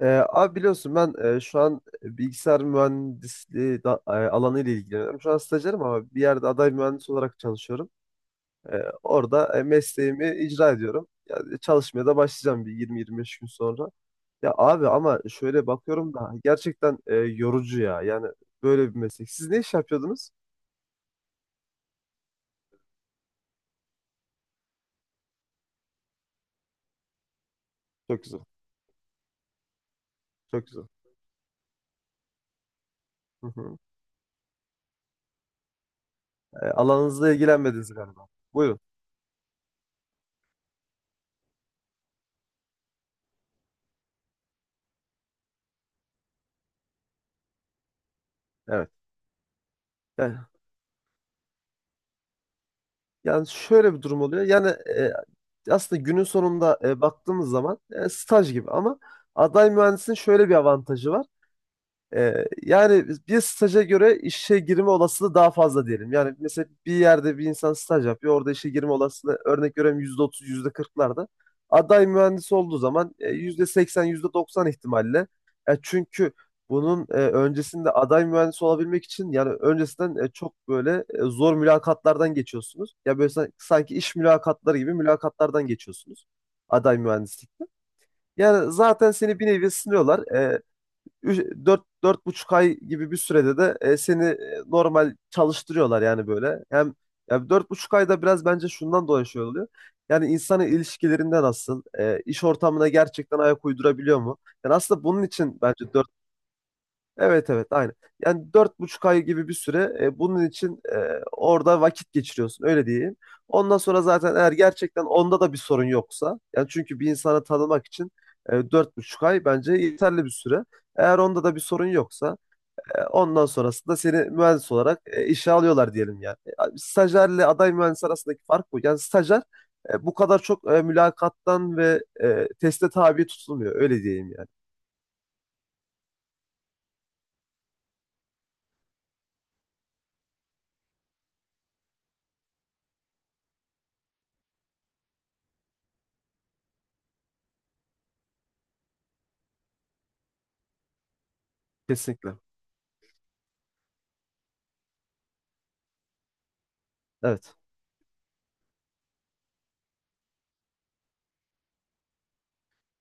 Abi biliyorsun ben, şu an, bilgisayar mühendisliği da, alanı ile ilgileniyorum. Şu an stajyerim ama bir yerde aday mühendis olarak çalışıyorum. Ee, orada mesleğimi icra ediyorum. Yani çalışmaya da başlayacağım bir 20-25 gün sonra. Ya abi ama şöyle bakıyorum da gerçekten yorucu ya. Yani böyle bir meslek. Siz ne iş yapıyordunuz? Çok güzel. Çok güzel. Hı hı. Alanınızla ilgilenmediniz galiba. Buyurun. Evet. Yani Yani şöyle bir durum oluyor. Yani, aslında günün sonunda, baktığımız zaman, staj gibi ama aday mühendisin şöyle bir avantajı var. Yani bir staja göre işe girme olasılığı daha fazla diyelim. Yani mesela bir yerde bir insan staj yapıyor. Orada işe girme olasılığı, örnek veriyorum, %30, %40'larda. Aday mühendis olduğu zaman %80, %90 ihtimalle. Çünkü bunun öncesinde aday mühendis olabilmek için, yani öncesinden, çok böyle zor mülakatlardan geçiyorsunuz. Ya böyle sanki iş mülakatları gibi mülakatlardan geçiyorsunuz aday mühendislikte. Yani zaten seni bir nevi sınıyorlar. Dört buçuk ay gibi bir sürede de seni normal çalıştırıyorlar yani böyle. Hem ya 4,5 ayda biraz bence şundan dolayı şey oluyor. Yani insanın ilişkilerinde nasıl, iş ortamına gerçekten ayak uydurabiliyor mu? Yani aslında bunun için bence. Evet, evet, aynen. Yani 4,5 ay gibi bir süre bunun için orada vakit geçiriyorsun, öyle diyeyim. Ondan sonra zaten, eğer gerçekten onda da bir sorun yoksa, yani çünkü bir insanı tanımak için 4,5 ay bence yeterli bir süre. Eğer onda da bir sorun yoksa, ondan sonrasında seni mühendis olarak işe alıyorlar diyelim yani. Stajyerle aday mühendis arasındaki fark bu. Yani stajyer bu kadar çok mülakattan ve teste tabi tutulmuyor, öyle diyeyim yani. Kesinlikle. Evet.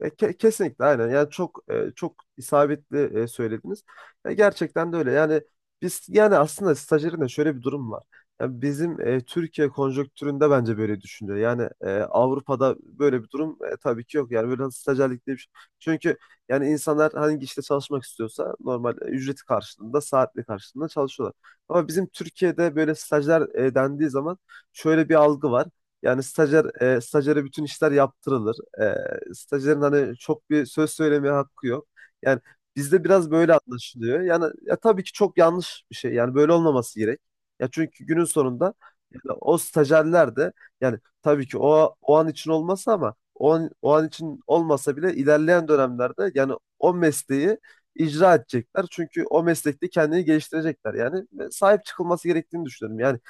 Kesinlikle aynen. Yani çok, çok isabetli söylediniz. Gerçekten de öyle. Yani biz, yani aslında stajyerin de şöyle bir durum var. Yani bizim, Türkiye konjonktüründe bence böyle düşünüyor. Yani Avrupa'da böyle bir durum tabii ki yok. Yani böyle stajyerlik diye bir şey. Çünkü yani insanlar hangi işte çalışmak istiyorsa normal ücreti karşılığında, saatli karşılığında çalışıyorlar. Ama bizim Türkiye'de böyle stajyer dendiği zaman şöyle bir algı var. Yani stajyer, stajyere bütün işler yaptırılır. Stajyerin hani çok bir söz söylemeye hakkı yok. Yani bizde biraz böyle anlaşılıyor. Yani ya tabii ki çok yanlış bir şey. Yani böyle olmaması gerek. Ya çünkü günün sonunda yani o stajyerler de, yani tabii ki o an için olmasa, ama o an için olmasa bile ilerleyen dönemlerde yani o mesleği icra edecekler. Çünkü o meslekte kendini geliştirecekler. Yani sahip çıkılması gerektiğini düşünüyorum. Yani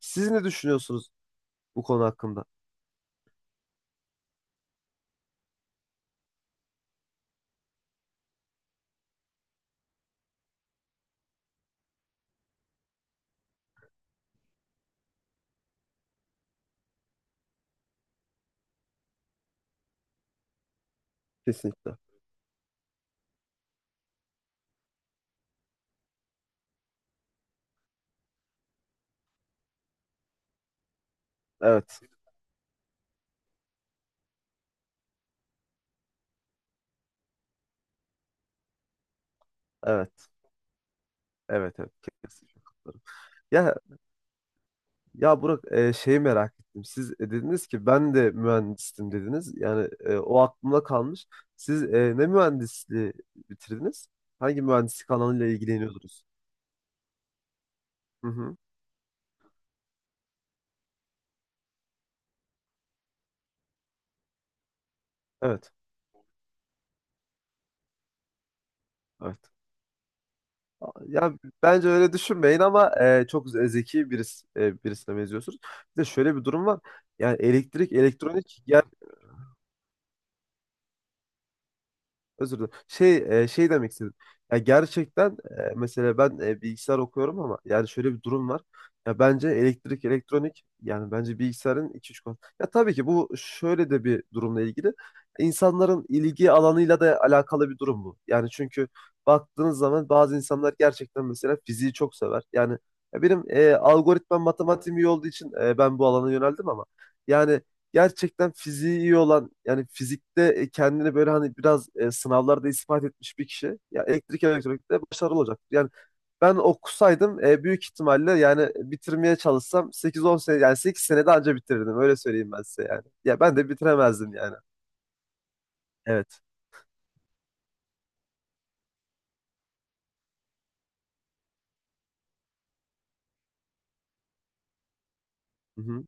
siz ne düşünüyorsunuz bu konu hakkında? Kesinlikle. Evet, evet, evet, evet. Kesinlikle. Katılıyorum. Ya, ya Burak, şeyi merak ettim. Siz dediniz ki ben de mühendistim dediniz. Yani o aklımda kalmış. Siz ne mühendisliği bitirdiniz? Hangi mühendislik alanıyla ilgileniyordunuz? Hı hı. Evet, evet. Ya bence öyle düşünmeyin ama çok zeki birisi, birisine benziyorsunuz. Bir de şöyle bir durum var. Yani elektrik, elektronik yani. Özür dilerim. Şey demek istedim. Ya gerçekten, mesela ben, bilgisayar okuyorum ama yani şöyle bir durum var. Ya bence elektrik, elektronik, yani bence bilgisayarın iki üç konu. Ya tabii ki bu şöyle de bir durumla ilgili. İnsanların ilgi alanıyla da alakalı bir durum bu. Yani çünkü baktığınız zaman bazı insanlar gerçekten mesela fiziği çok sever. Yani ya benim, algoritma matematiğim iyi olduğu için ben bu alana yöneldim ama yani gerçekten fiziği iyi olan, yani fizikte kendini böyle hani biraz sınavlarda ispat etmiş bir kişi ya elektrik elektronikte başarılı olacak. Yani ben okusaydım büyük ihtimalle, yani bitirmeye çalışsam 8-10 sene, yani 8 senede anca bitirirdim, öyle söyleyeyim ben size yani. Ya ben de bitiremezdim yani. Evet. Hı-hı.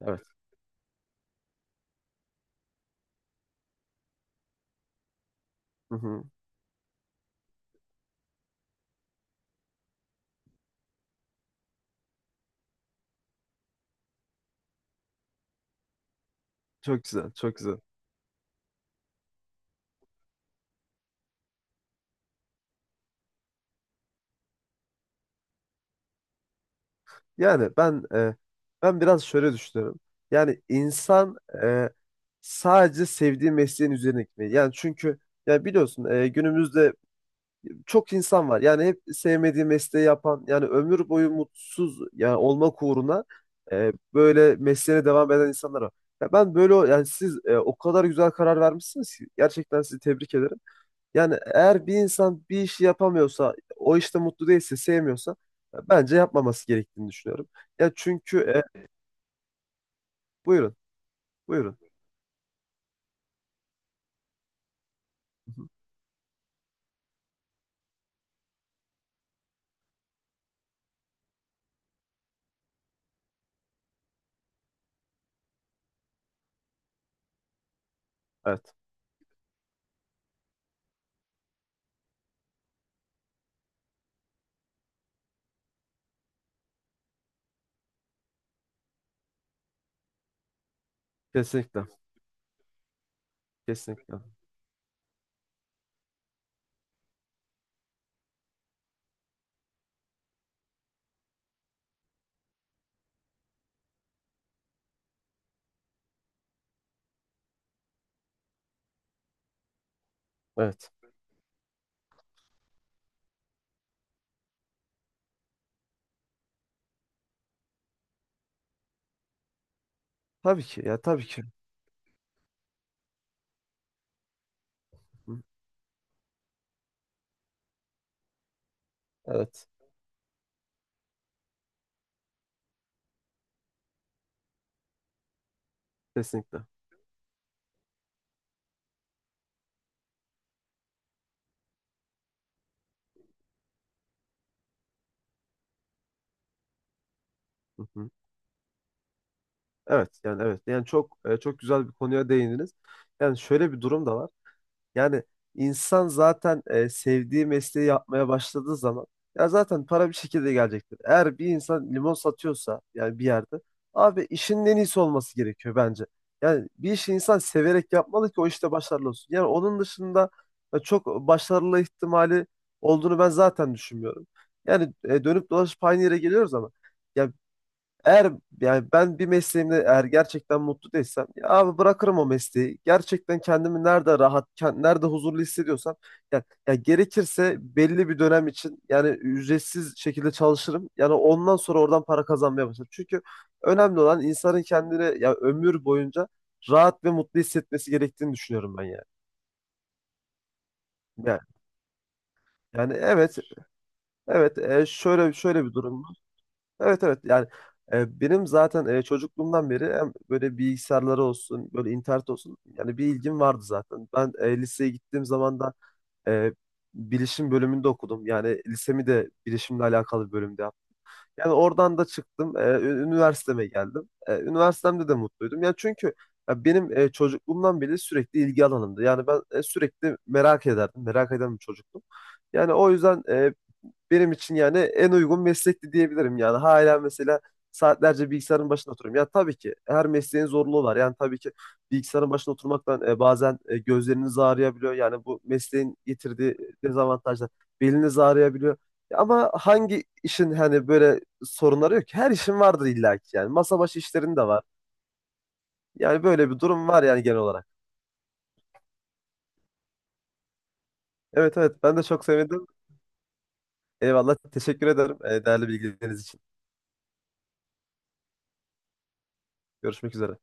Evet. Hı-hı. Çok güzel, çok güzel. Yani ben biraz şöyle düşünüyorum. Yani insan e, sadece sevdiği mesleğin üzerine gitmeli. Yani çünkü ya biliyorsun, günümüzde çok insan var. Yani hep sevmediği mesleği yapan, yani ömür boyu mutsuz yani olmak uğruna böyle mesleğine devam eden insanlar var. Ya ben böyle yani siz, o kadar güzel karar vermişsiniz ki gerçekten sizi tebrik ederim. Yani eğer bir insan bir işi yapamıyorsa, o işte mutlu değilse, sevmiyorsa, ya bence yapmaması gerektiğini düşünüyorum. Ya çünkü, buyurun, buyurun. Hı hı. Evet, kesinlikle, kesinlikle. Evet, tabii ki, ya tabii ki. Hı. Evet, kesinlikle. Hı hı. Evet yani, evet yani çok, çok güzel bir konuya değindiniz. Yani şöyle bir durum da var. Yani insan zaten, sevdiği mesleği yapmaya başladığı zaman ya zaten para bir şekilde gelecektir. Eğer bir insan limon satıyorsa, yani bir yerde, abi işin en iyisi olması gerekiyor bence. Yani bir işi insan severek yapmalı ki o işte başarılı olsun. Yani onun dışında çok başarılı ihtimali olduğunu ben zaten düşünmüyorum. Yani dönüp dolaşıp aynı yere geliyoruz ama ya eğer, yani ben bir mesleğimde eğer gerçekten mutlu değilsem, ya abi bırakırım o mesleği. Gerçekten kendimi nerede rahat, nerede huzurlu hissediyorsam, ya gerekirse belli bir dönem için yani ücretsiz şekilde çalışırım. Yani ondan sonra oradan para kazanmaya başlarım. Çünkü önemli olan insanın kendini ya ömür boyunca rahat ve mutlu hissetmesi gerektiğini düşünüyorum ben yani. Yani, evet, evet, şöyle bir durum. Evet evet yani, benim zaten, çocukluğumdan beri hem böyle bilgisayarları olsun, böyle internet olsun, yani bir ilgim vardı zaten. Ben, liseye gittiğim zaman da, e, bilişim bölümünde okudum. Yani lisemi de bilişimle alakalı bir bölümde yaptım. Yani oradan da çıktım, üniversiteme geldim. Üniversitemde de mutluydum. Yani çünkü ya benim, çocukluğumdan beri sürekli ilgi alanımdı. Yani ben, sürekli merak ederdim. Merak eden bir çocuktum. Yani o yüzden benim için yani en uygun meslekti diyebilirim yani. Hala mesela saatlerce bilgisayarın başında oturuyorum. Ya tabii ki her mesleğin zorluğu var. Yani tabii ki bilgisayarın başında oturmaktan bazen gözleriniz ağrıyabiliyor. Yani bu mesleğin getirdiği dezavantajlar. Beliniz ağrıyabiliyor. Ya ama hangi işin hani böyle sorunları yok ki? Her işin vardır illa ki yani. Masa başı işlerin de var. Yani böyle bir durum var yani genel olarak. Evet evet, ben de çok sevindim. Eyvallah, teşekkür ederim değerli bilgileriniz için. Görüşmek üzere.